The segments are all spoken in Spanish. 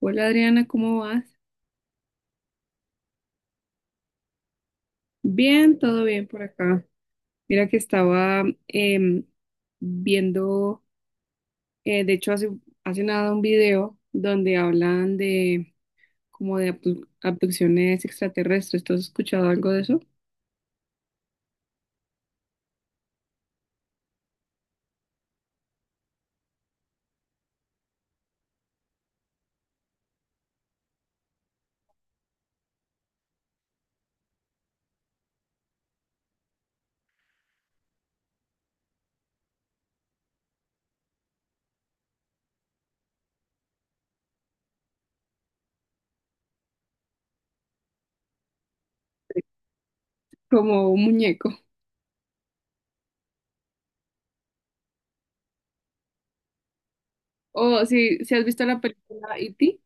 Hola, Adriana, ¿cómo vas? Bien, todo bien por acá. Mira que estaba viendo, de hecho hace nada un video donde hablan de como de abducciones extraterrestres. ¿Tú has escuchado algo de eso? Como un muñeco. O si, si has visto la película E.T.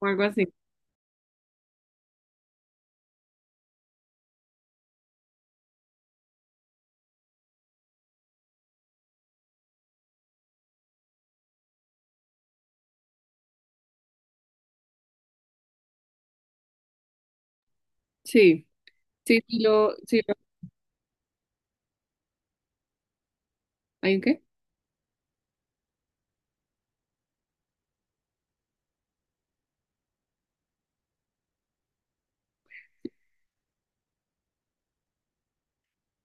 o algo así. Sí, sí, ¿Hay un qué?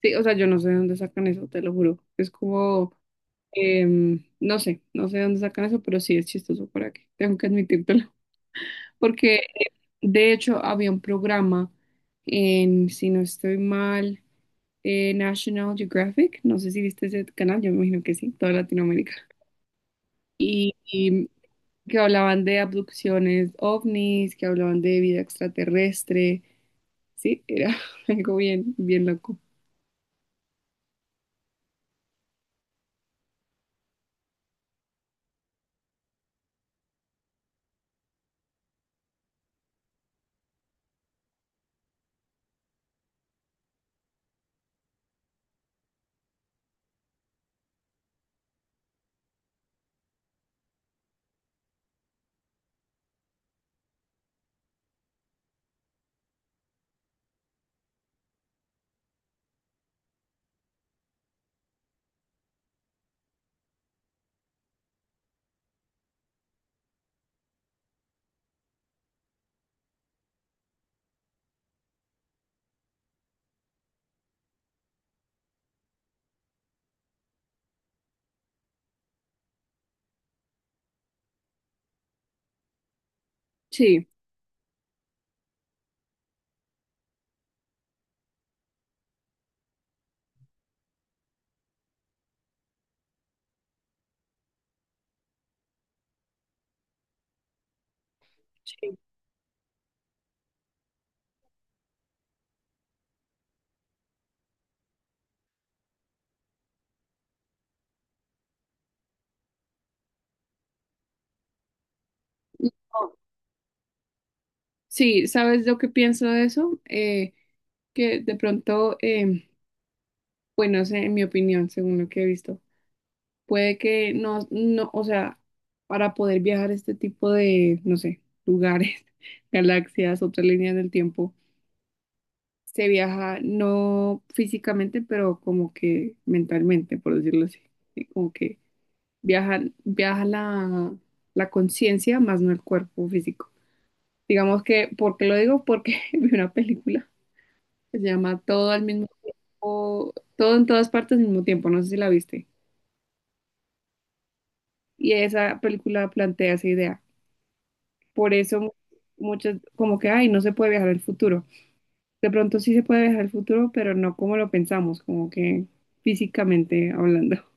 Sí, o sea, yo no sé de dónde sacan eso, te lo juro. Es como no sé, no sé de dónde sacan eso, pero sí es chistoso para que tengo que admitírtelo. Porque de hecho había un programa en, si no estoy mal, National Geographic, no sé si viste ese canal, yo me imagino que sí, toda Latinoamérica. Y que hablaban de abducciones ovnis, que hablaban de vida extraterrestre, sí, era algo bien loco. Sí, sí. No. Sí, ¿sabes lo que pienso de eso? Que de pronto, pues no sé, en mi opinión, según lo que he visto, puede que no, no, o sea, para poder viajar a este tipo de, no sé, lugares, galaxias, otras líneas del tiempo, se viaja no físicamente, pero como que mentalmente, por decirlo así, ¿sí? Como que viaja la, la conciencia más no el cuerpo físico. Digamos que, ¿por qué lo digo? Porque vi una película que se llama Todo al mismo tiempo, todo en todas partes al mismo tiempo, no sé si la viste. Y esa película plantea esa idea. Por eso muchas, como que, ay, no se puede viajar al futuro. De pronto sí se puede viajar al futuro, pero no como lo pensamos, como que físicamente hablando.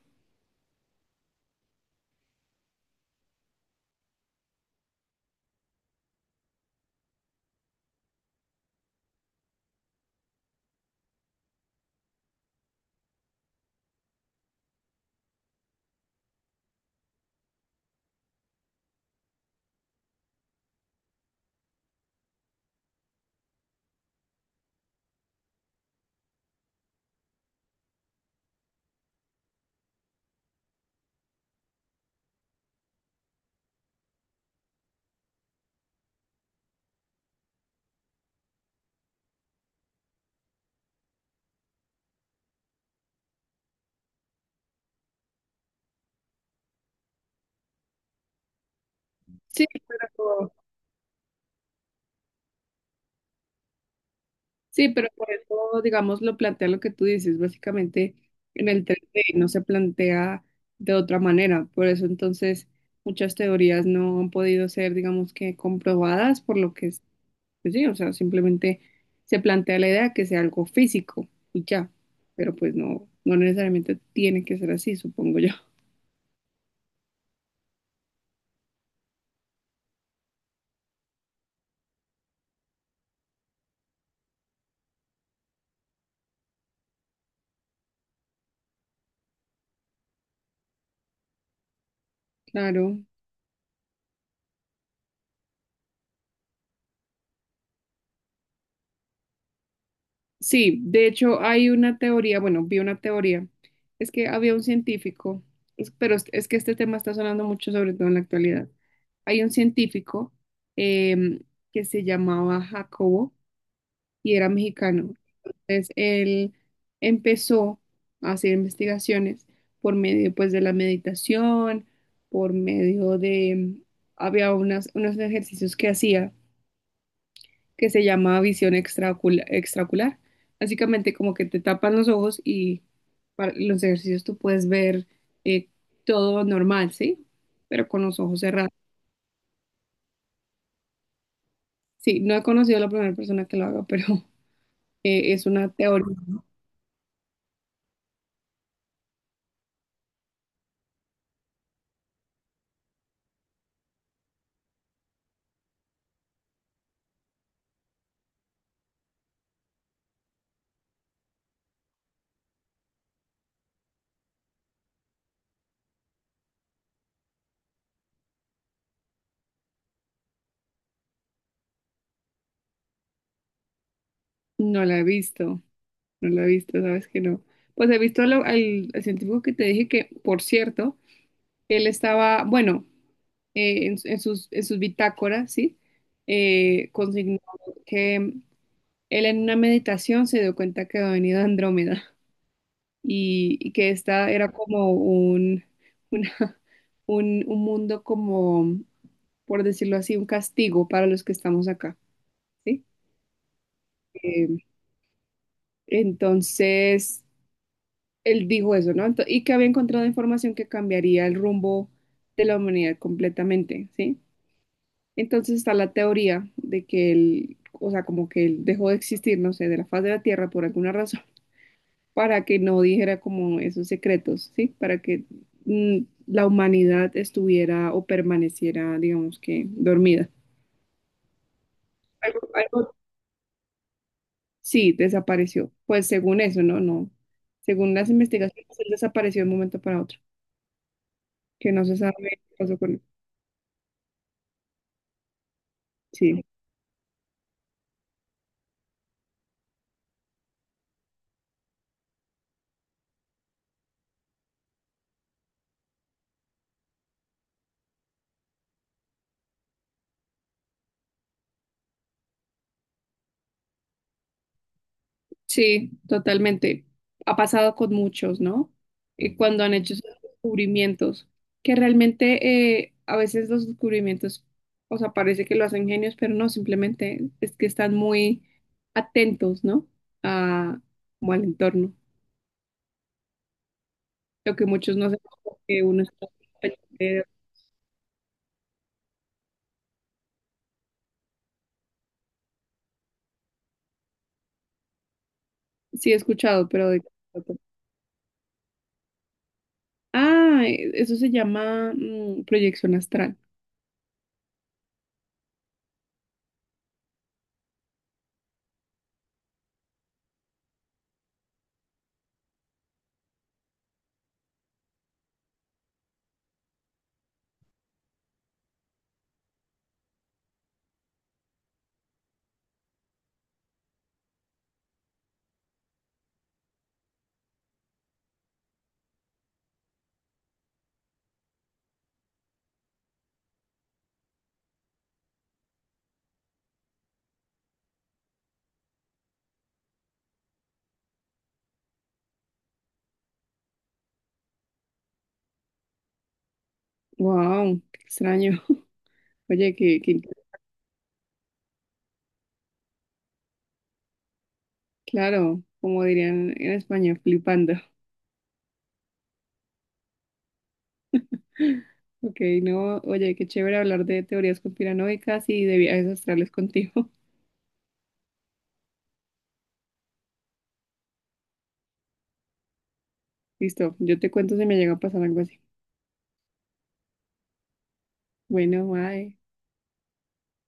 Sí, pero, sí, pero por eso, digamos, lo plantea lo que tú dices, básicamente en el 3D no se plantea de otra manera. Por eso entonces muchas teorías no han podido ser, digamos que, comprobadas, por lo que pues sí, o sea, simplemente se plantea la idea que sea algo físico y ya, pero pues no, no necesariamente tiene que ser así, supongo yo. Claro. Sí, de hecho hay una teoría, bueno, vi una teoría, es que había un científico, pero es que este tema está sonando mucho, sobre todo en la actualidad. Hay un científico em, que se llamaba Jacobo y era mexicano. Entonces, él empezó a hacer investigaciones por medio, pues, de la meditación, por medio de, había unas, unos ejercicios que hacía que se llamaba visión extraocular. Básicamente, como que te tapan los ojos y para los ejercicios tú puedes ver eh, todo normal, ¿sí? Pero con los ojos cerrados. Sí, no he conocido a la primera persona que lo haga, pero es una teoría, no la he visto. No la he visto, sabes que no. Pues he visto al, al científico que te dije que, por cierto, él estaba, bueno, en sus bitácoras, ¿sí? Consignó que él en una meditación se dio cuenta que había venido Andrómeda y que esta era como un, una- un mundo como, por decirlo así, un castigo para los que estamos acá, ¿sí? Eh, entonces él dijo eso, ¿no? Y que había encontrado información que cambiaría el rumbo de la humanidad completamente, ¿sí? Entonces está la teoría de que él, o sea, como que él dejó de existir, no sé, de la faz de la Tierra por alguna razón, para que no dijera como esos secretos, ¿sí? Para que mm, la humanidad estuviera o permaneciera, digamos que, dormida. Algo, algo- sí, desapareció. Pues según eso, ¿no? No. Según las investigaciones, él desapareció de un momento para otro, que no se sabe qué pasó con él. Sí. Sí, totalmente. Ha pasado con muchos, ¿no? Y cuando han hecho esos descubrimientos, que realmente, a veces los descubrimientos, o sea, parece que lo hacen genios, pero no, simplemente es que están muy atentos, ¿no? A, como al entorno. Lo que muchos no saben, porque uno está pendiente. Sí, he escuchado, pero de... Ah, eso se llama proyección astral. Wow, qué extraño. Oye, qué, qué. Claro, como dirían en España, flipando. Ok, no, oye, qué chévere hablar de teorías conspiranoicas y de viajes astrales contigo. Listo, yo te cuento si me llega a pasar algo así. Bueno, bye.